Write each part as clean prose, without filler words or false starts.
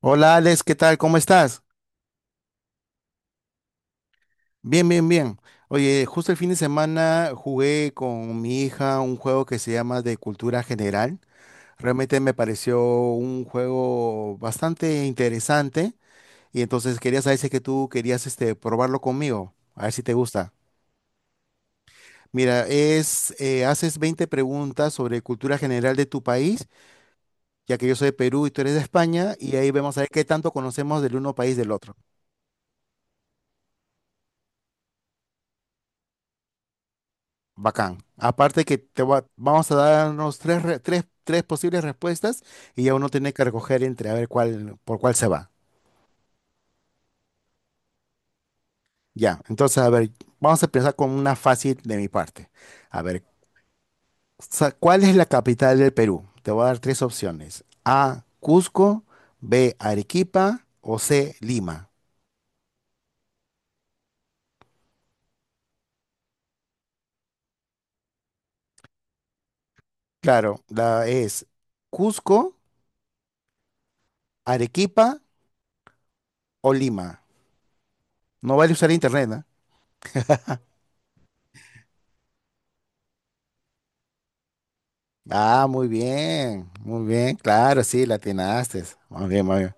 Hola Alex, ¿qué tal? ¿Cómo estás? Bien, bien, bien. Oye, justo el fin de semana jugué con mi hija un juego que se llama de cultura general. Realmente me pareció un juego bastante interesante y entonces quería saber si es que tú querías probarlo conmigo, a ver si te gusta. Mira, haces 20 preguntas sobre cultura general de tu país, ya que yo soy de Perú y tú eres de España, y ahí vemos a ver qué tanto conocemos del uno país del otro. Bacán. Aparte que vamos a darnos tres posibles respuestas y ya uno tiene que recoger entre a ver cuál, por cuál se va. Ya, entonces, a ver, vamos a empezar con una fácil de mi parte. A ver, ¿cuál es la capital del Perú? Te voy a dar tres opciones. A, Cusco, B, Arequipa o C, Lima. Claro, la es Cusco, Arequipa o Lima. No vale usar internet, ¿eh? Ah, muy bien, claro, sí, la atinaste. Muy bien, muy bien.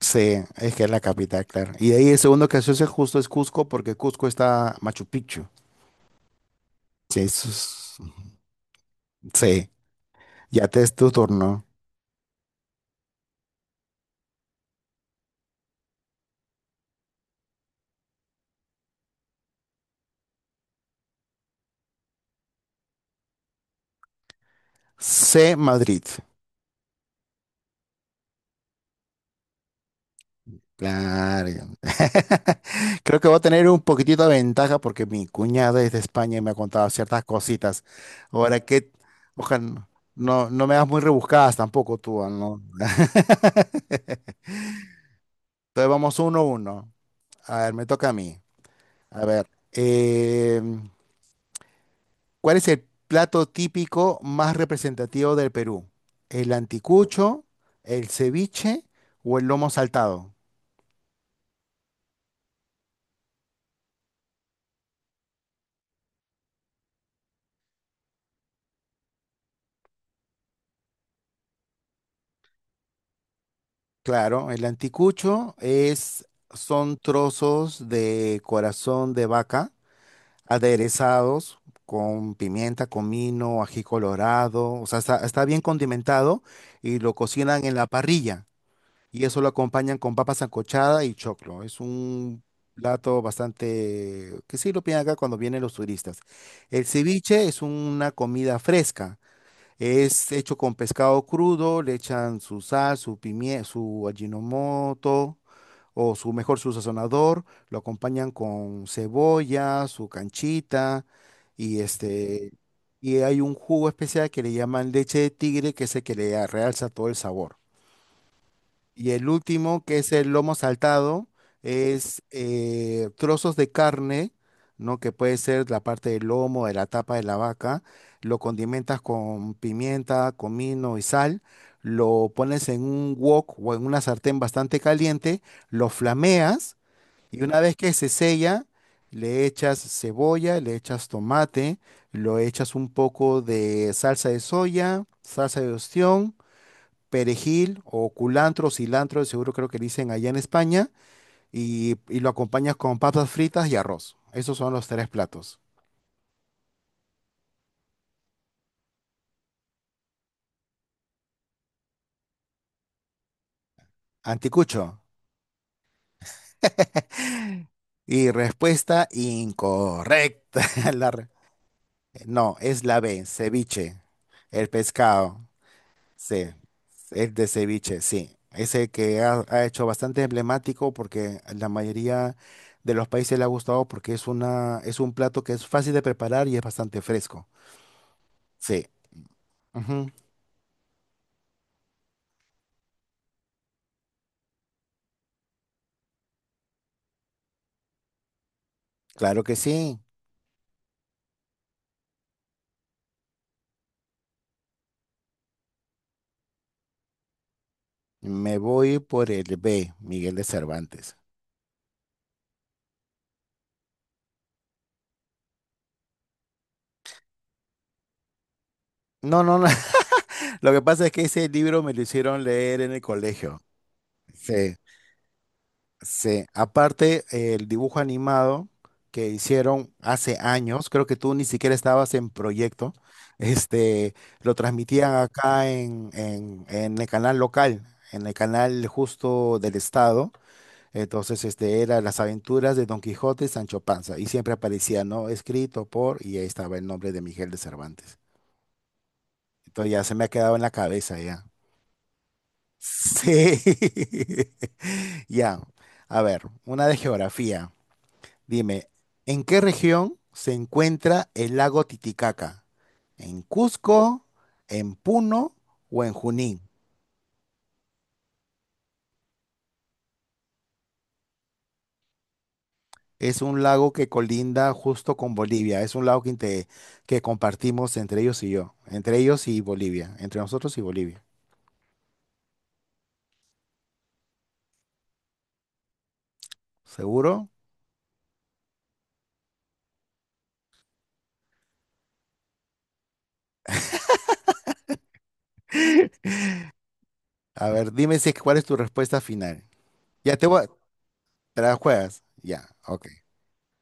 Sí, es que es la capital, claro. Y de ahí el segundo que se justo es Cusco, porque Cusco está Machu Picchu. Sí, sí, ya te es tu turno. C, Madrid. Claro. Creo que voy a tener un poquitito de ventaja porque mi cuñada es de España y me ha contado ciertas cositas. Ahora que, ojalá, no, no me das muy rebuscadas tampoco tú, ¿no? Entonces vamos uno a uno. A ver, me toca a mí. A ver, em, ¿cuál es el plato típico más representativo del Perú? ¿El anticucho, el ceviche o el lomo saltado? Claro, el anticucho son trozos de corazón de vaca aderezados con pimienta, comino, ají colorado, o sea, está bien condimentado y lo cocinan en la parrilla. Y eso lo acompañan con papa sancochada y choclo. Es un plato bastante que sí lo piden acá cuando vienen los turistas. El ceviche es una comida fresca. Es hecho con pescado crudo, le echan su sal, su pimienta, su ajinomoto o su mejor su sazonador, lo acompañan con cebolla, su canchita y este y hay un jugo especial que le llaman leche de tigre que es el que le realza todo el sabor. Y el último, que es el lomo saltado, es trozos de carne, ¿no? Que puede ser la parte del lomo, de la tapa de la vaca. Lo condimentas con pimienta, comino y sal. Lo pones en un wok o en una sartén bastante caliente. Lo flameas y una vez que se sella, le echas cebolla, le echas tomate, lo echas un poco de salsa de soya, salsa de ostión, perejil o culantro, cilantro, de seguro creo que dicen allá en España, y lo acompañas con papas fritas y arroz. Esos son los tres platos. Anticucho. Y respuesta incorrecta. La re- no, es la B, ceviche. El pescado. Sí, el de ceviche, sí. Ese que ha, ha hecho bastante emblemático porque a la mayoría de los países le ha gustado porque es un plato que es fácil de preparar y es bastante fresco. Sí. Claro que sí. Me voy por el B, Miguel de Cervantes. No, no, no. Lo que pasa es que ese libro me lo hicieron leer en el colegio. Sí, sí. Aparte, el dibujo animado que hicieron hace años, creo que tú ni siquiera estabas en proyecto, este, lo transmitían acá en el canal local, en el canal justo del estado. Entonces, este era Las aventuras de Don Quijote y Sancho Panza. Y siempre aparecía, ¿no? Escrito por, y ahí estaba el nombre de Miguel de Cervantes. Entonces ya se me ha quedado en la cabeza ya. Sí. Ya. A ver, una de geografía. Dime, ¿en qué región se encuentra el lago Titicaca? ¿En Cusco, en Puno o en Junín? Es un lago que colinda justo con Bolivia. Es un lago que compartimos entre ellos y yo. Entre ellos y Bolivia. Entre nosotros y Bolivia. ¿Seguro? A ver, dime si, cuál es tu respuesta final. Ya te voy. ¿Te la juegas? Ya, ok.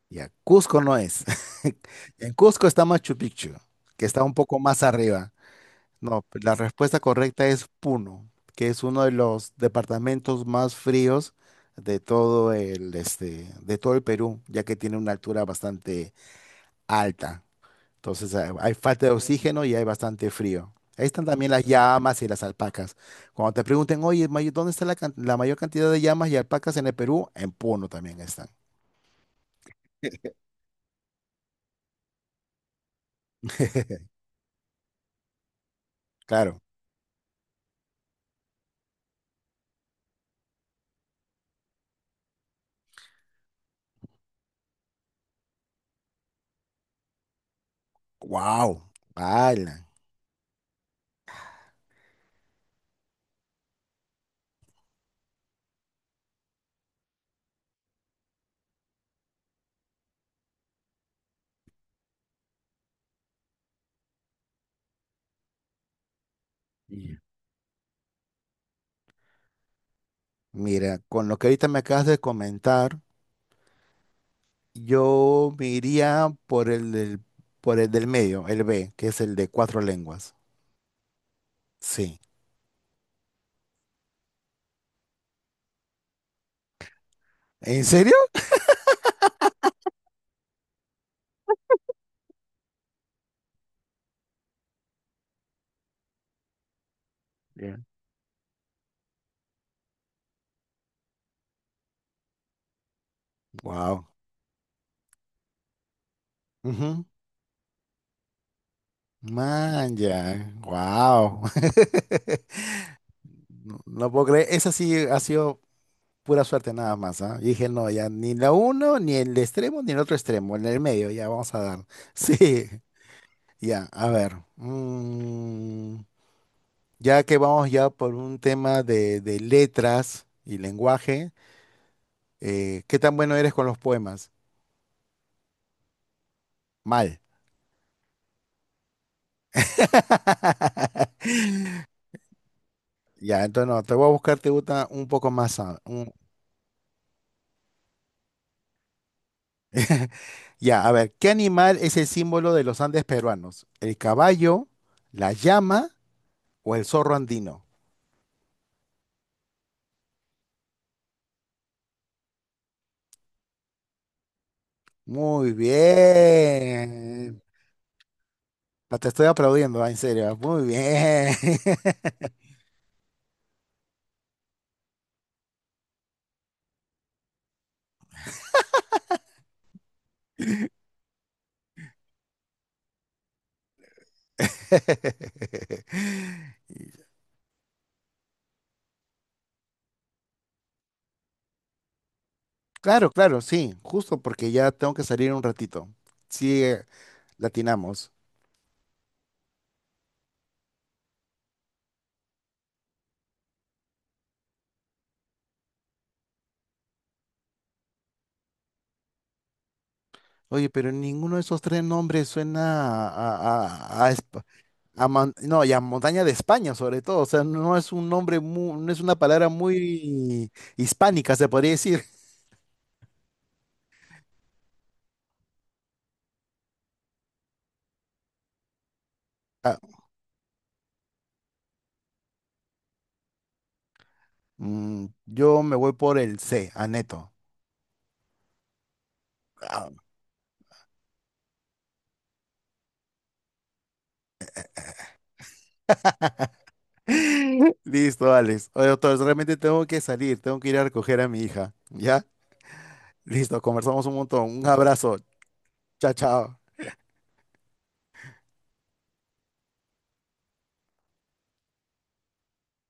Ya, Cusco no es. En Cusco está Machu Picchu, que está un poco más arriba. No, la respuesta correcta es Puno, que es uno de los departamentos más fríos de todo el, este, de todo el Perú, ya que tiene una altura bastante alta. Entonces hay falta de oxígeno y hay bastante frío. Ahí están también las llamas y las alpacas. Cuando te pregunten, oye, ¿dónde está la mayor cantidad de llamas y alpacas en el Perú? En Puno también están. Claro. Wow. ¡Ala! Y- Mira, con lo que ahorita me acabas de comentar, yo me iría por el del medio, el B, que es el de cuatro lenguas. Sí. ¿En serio? Wow. Man, ya. Wow. No, no puedo creer. Esa sí ha sido pura suerte nada más, ¿ah? Y dije, no, ya ni la uno, ni el extremo, ni el otro extremo, en el medio, ya vamos a dar. Sí, ya, a ver. Ya que vamos ya por un tema de, letras y lenguaje, ¿qué tan bueno eres con los poemas? Mal. Ya, entonces no, te voy a buscar, te gusta un poco más, Ya, a ver, ¿qué animal es el símbolo de los Andes peruanos? ¿El caballo, la llama o el zorro andino? Muy bien. Ah, te estoy aplaudiendo, ah, en serio. Muy bien. Claro, claro, sí, justo porque ya tengo que salir un ratito. Sí, latinamos. Oye, pero ninguno de esos tres nombres suena a no, y a montaña de España, sobre todo. O sea, no es un nombre mu- no es una palabra muy hispánica, se podría decir. Ah, mm, yo me voy por el C, Aneto. Ah. Listo, Alex. Oye, doctor, realmente tengo que salir, tengo que ir a recoger a mi hija. ¿Ya? Listo, conversamos un montón. Un abrazo. Chao, chao.